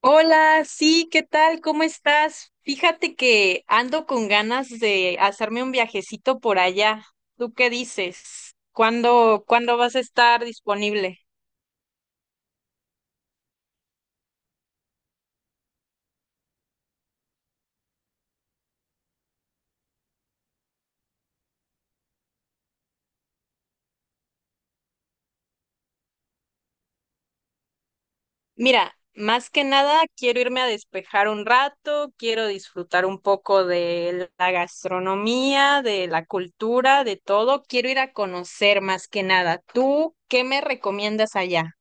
Hola, sí, ¿qué tal? ¿Cómo estás? Fíjate que ando con ganas de hacerme un viajecito por allá. ¿Tú qué dices? ¿¿Cuándo vas a estar disponible? Mira, más que nada quiero irme a despejar un rato, quiero disfrutar un poco de la gastronomía, de la cultura, de todo. Quiero ir a conocer más que nada. ¿Tú qué me recomiendas allá?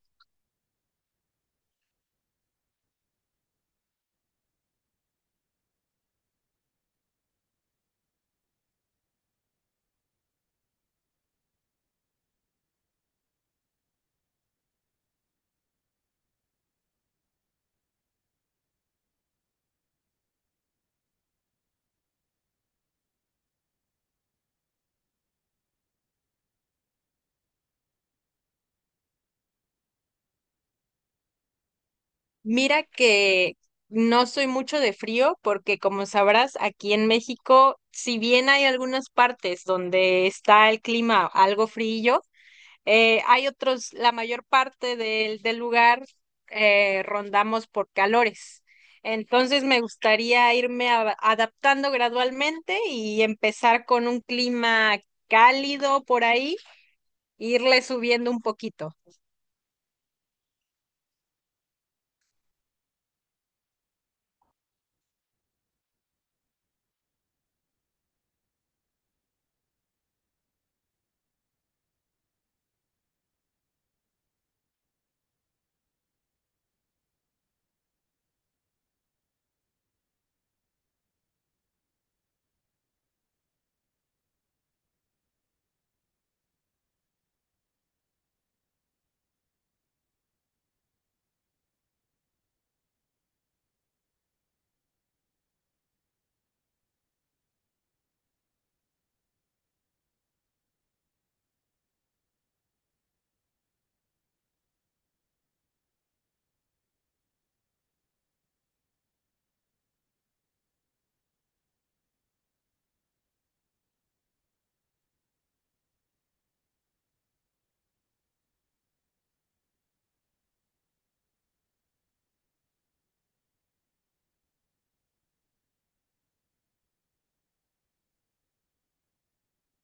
Mira que no soy mucho de frío porque, como sabrás, aquí en México, si bien hay algunas partes donde está el clima algo frío, hay otros, la mayor parte del lugar rondamos por calores. Entonces me gustaría adaptando gradualmente y empezar con un clima cálido por ahí, e irle subiendo un poquito.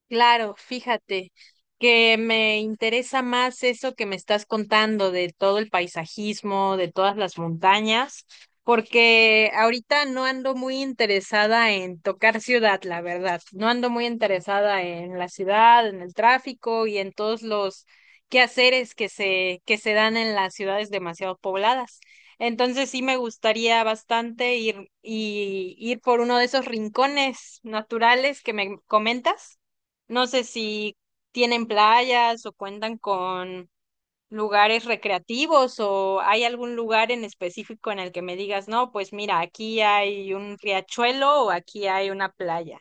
Claro, fíjate que me interesa más eso que me estás contando de todo el paisajismo, de todas las montañas, porque ahorita no ando muy interesada en tocar ciudad, la verdad. No ando muy interesada en la ciudad, en el tráfico y en todos los quehaceres que se dan en las ciudades demasiado pobladas. Entonces sí me gustaría bastante ir por uno de esos rincones naturales que me comentas. No sé si tienen playas o cuentan con lugares recreativos o hay algún lugar en específico en el que me digas: no, pues mira, aquí hay un riachuelo o aquí hay una playa.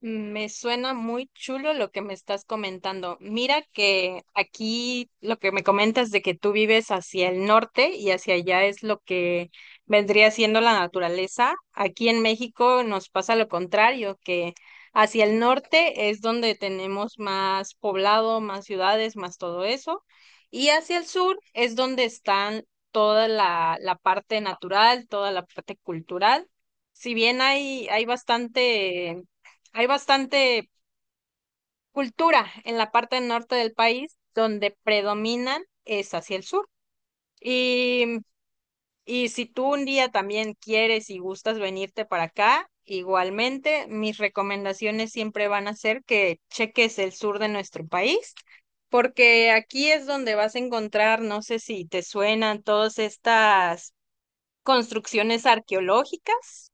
Mm. Me suena muy chulo lo que me estás comentando. Mira que aquí lo que me comentas de que tú vives hacia el norte y hacia allá es lo que vendría siendo la naturaleza. Aquí en México nos pasa lo contrario, que hacia el norte es donde tenemos más poblado, más ciudades, más todo eso. Y hacia el sur es donde están toda la parte natural, toda la parte cultural. Si bien hay, hay bastante cultura en la parte norte del país, donde predominan es hacia el sur. Y, y si tú un día también quieres y gustas venirte para acá, igualmente mis recomendaciones siempre van a ser que cheques el sur de nuestro país, porque aquí es donde vas a encontrar, no sé si te suenan, todas estas construcciones arqueológicas.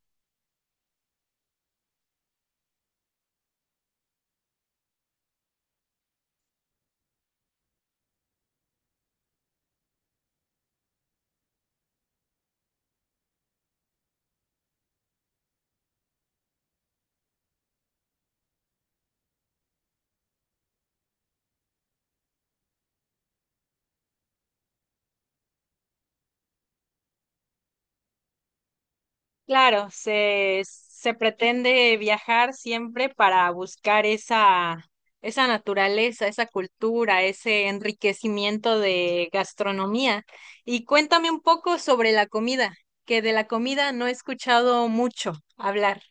Claro, se pretende viajar siempre para buscar esa, esa naturaleza, esa cultura, ese enriquecimiento de gastronomía. Y cuéntame un poco sobre la comida, que de la comida no he escuchado mucho hablar.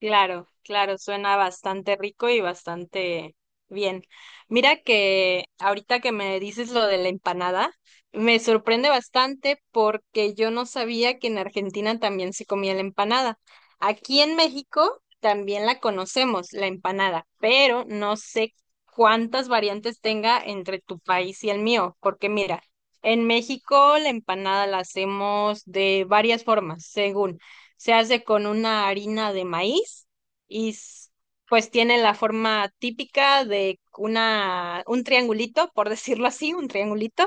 Claro, claro, suena bastante rico y bastante bien. Mira que ahorita que me dices lo de la empanada, me sorprende bastante, porque yo no sabía que en Argentina también se comía la empanada. Aquí en México también la conocemos, la empanada, pero no sé cuántas variantes tenga entre tu país y el mío, porque mira, en México la empanada la hacemos de varias formas, según. Se hace con una harina de maíz y pues tiene la forma típica de una, un triangulito, por decirlo así, un triangulito,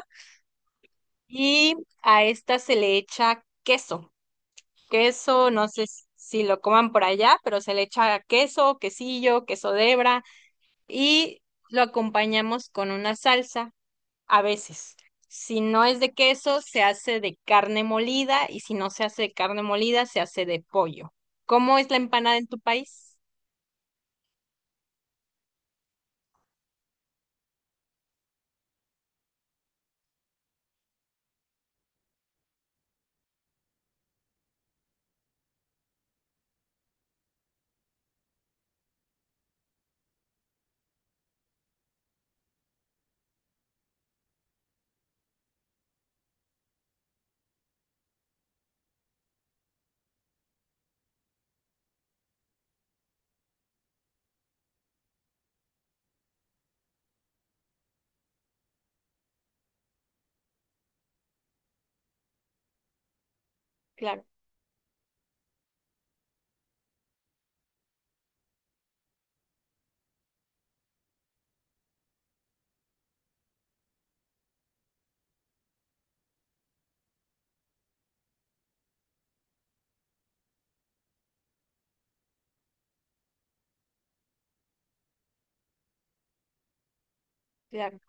y a esta se le echa queso. Queso, no sé si lo coman por allá, pero se le echa queso, quesillo, queso de hebra, y lo acompañamos con una salsa. A veces. Si no es de queso, se hace de carne molida, y si no se hace de carne molida, se hace de pollo. ¿Cómo es la empanada en tu país? Claro, claro,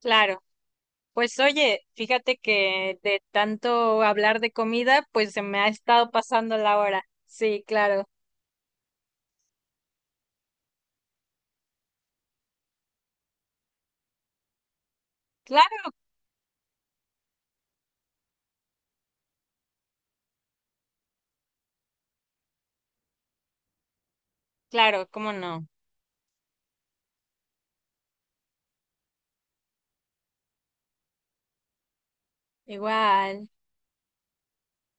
claro. Pues oye, fíjate que de tanto hablar de comida, pues se me ha estado pasando la hora. Sí, claro, claro, claro, ¿cómo no? Igual.